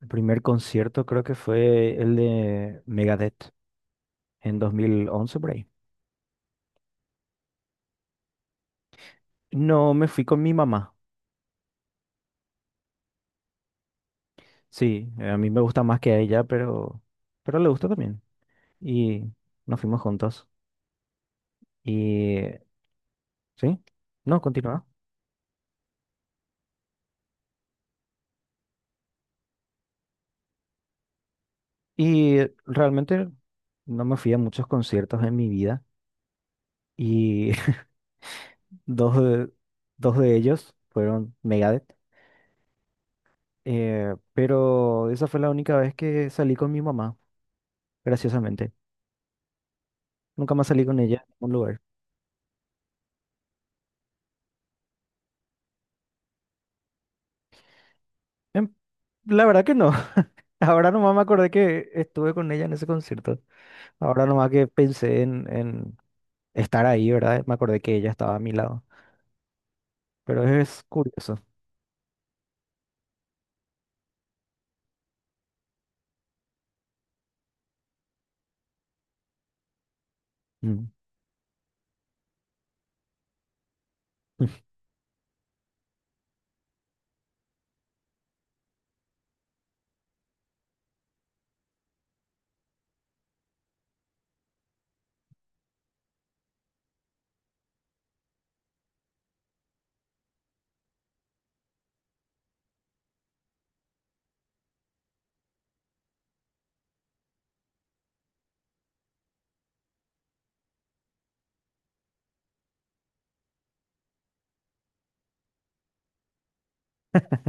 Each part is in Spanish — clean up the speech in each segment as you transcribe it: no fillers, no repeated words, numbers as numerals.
El primer concierto creo que fue el de Megadeth en 2011 por ahí. No, me fui con mi mamá. Sí, a mí me gusta más que a ella, pero le gusta también. Y nos fuimos juntos. Y sí, no, continúa. Y realmente no me fui a muchos conciertos en mi vida. Y dos de, dos de ellos fueron Megadeth. Pero esa fue la única vez que salí con mi mamá, graciosamente. Nunca más salí con ella en ningún lugar. Em, La verdad que no. Ahora nomás me acordé que estuve con ella en ese concierto. Ahora nomás que pensé en estar ahí, ¿verdad? Me acordé que ella estaba a mi lado. Pero es curioso. Mm.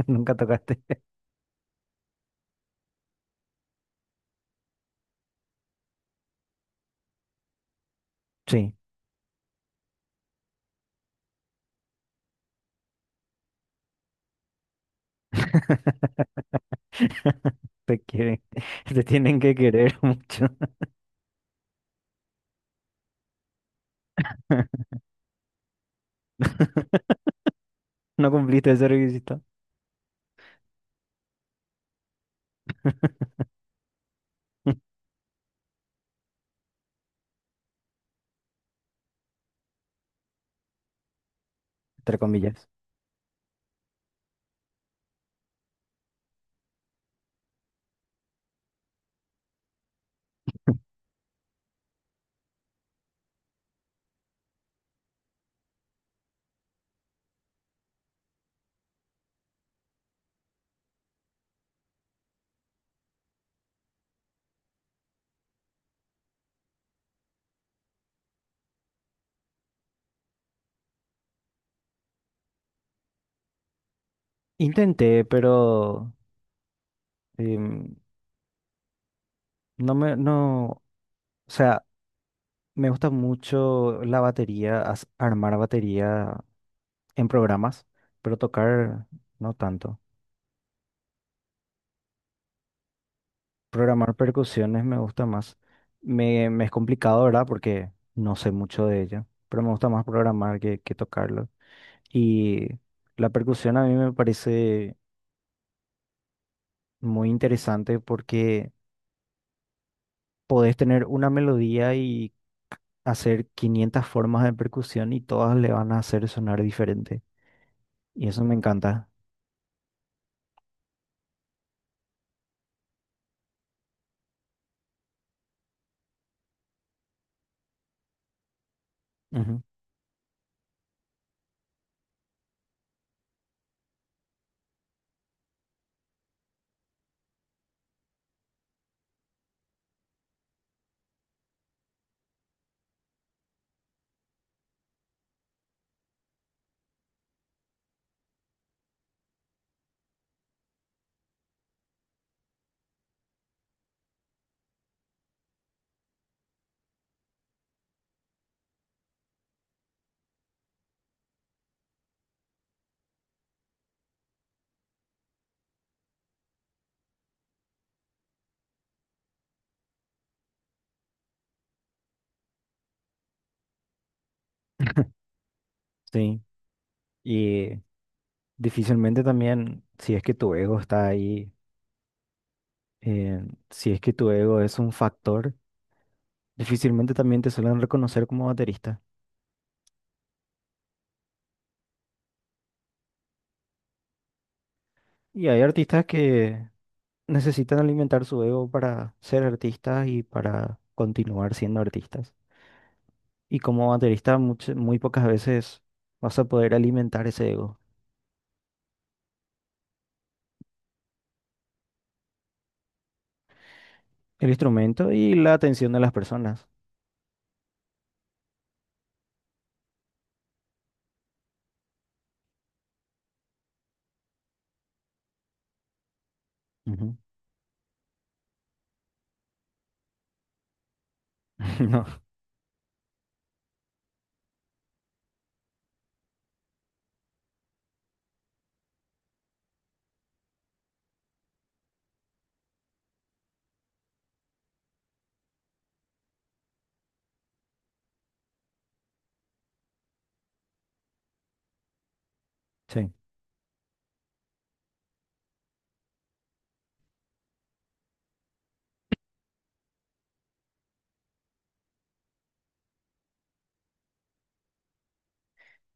Nunca tocaste. Sí. Te quieren. Te tienen que querer mucho. No cumpliste ese requisito. Entre comillas. Intenté, pero em, no me, no, o sea, me gusta mucho la batería, armar batería en programas, pero tocar no tanto. Programar percusiones me gusta más. Me es complicado, ¿verdad? Porque no sé mucho de ella, pero me gusta más programar que tocarlo. Y la percusión a mí me parece muy interesante porque podés tener una melodía y hacer 500 formas de percusión y todas le van a hacer sonar diferente. Y eso me encanta. Ujú. Sí. Y difícilmente también, si es que tu ego está ahí, eh, si es que tu ego es un factor, difícilmente también te suelen reconocer como baterista. Y hay artistas que necesitan alimentar su ego para ser artistas y para continuar siendo artistas. Y como baterista, muy pocas veces vas a poder alimentar ese ego, el instrumento y la atención de las personas. Ujú. No, sí.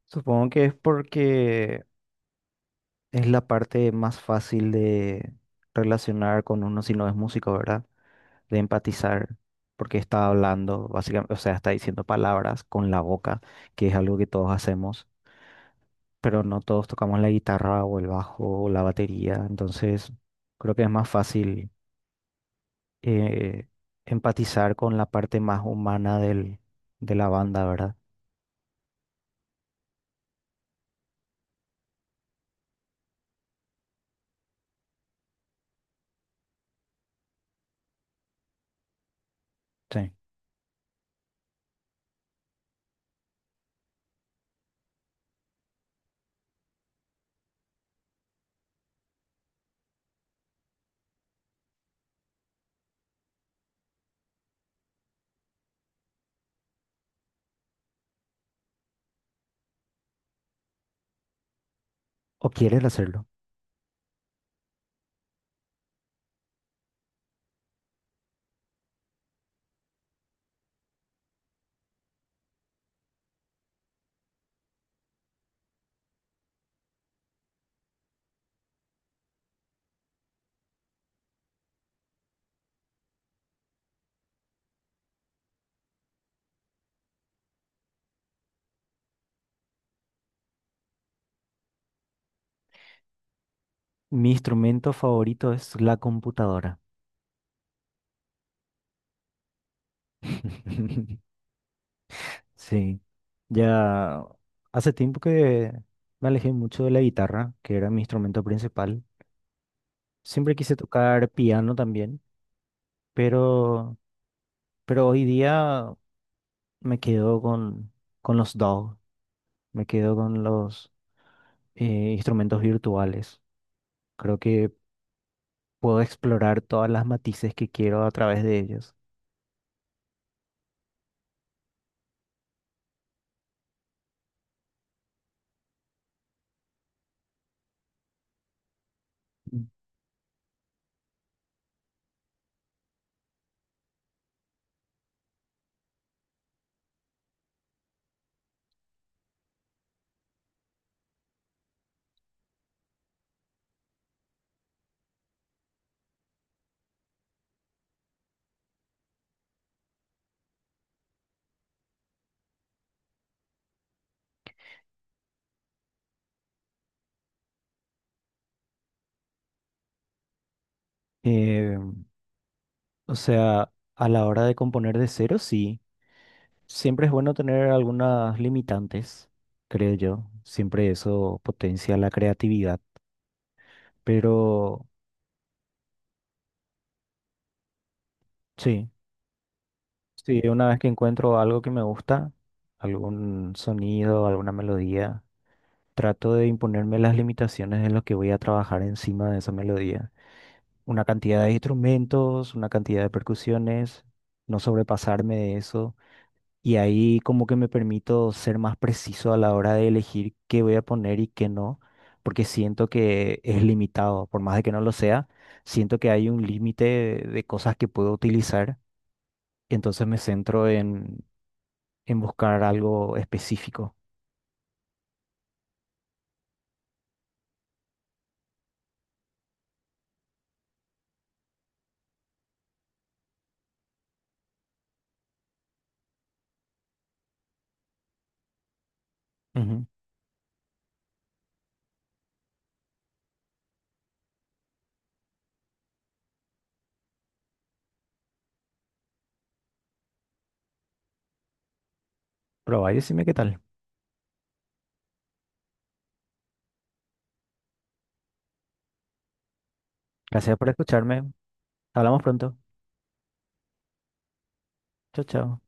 Supongo que es porque es la parte más fácil de relacionar con uno si no es músico, ¿verdad? De empatizar, porque está hablando, básicamente, o sea, está diciendo palabras con la boca, que es algo que todos hacemos, pero no todos tocamos la guitarra o el bajo o la batería, entonces creo que es más fácil eh, empatizar con la parte más humana de la banda, ¿verdad? Sí. ¿O quieres hacerlo? Mi instrumento favorito es la computadora. Sí, ya hace tiempo que me alejé mucho de la guitarra, que era mi instrumento principal. Siempre quise tocar piano también, pero, pero hoy día me quedo con los DAW, me quedo con los eh, instrumentos virtuales. Creo que puedo explorar todas las matices que quiero a través de ellos. Mm. Eh, o sea, a la hora de componer de cero, sí. Siempre es bueno tener algunas limitantes, creo yo. Siempre eso potencia la creatividad. Pero sí, sí, una vez que encuentro algo que me gusta, algún sonido, alguna melodía, trato de imponerme las limitaciones en lo que voy a trabajar encima de esa melodía. Una cantidad de instrumentos, una cantidad de percusiones, no sobrepasarme de eso. Y ahí como que me permito ser más preciso a la hora de elegir qué voy a poner y qué no, porque siento que es limitado, por más de que no lo sea, siento que hay un límite de cosas que puedo utilizar, entonces me centro en buscar algo específico. Ujú. Probá y decime qué tal. Gracias por escucharme. Hablamos pronto. Chao, chao.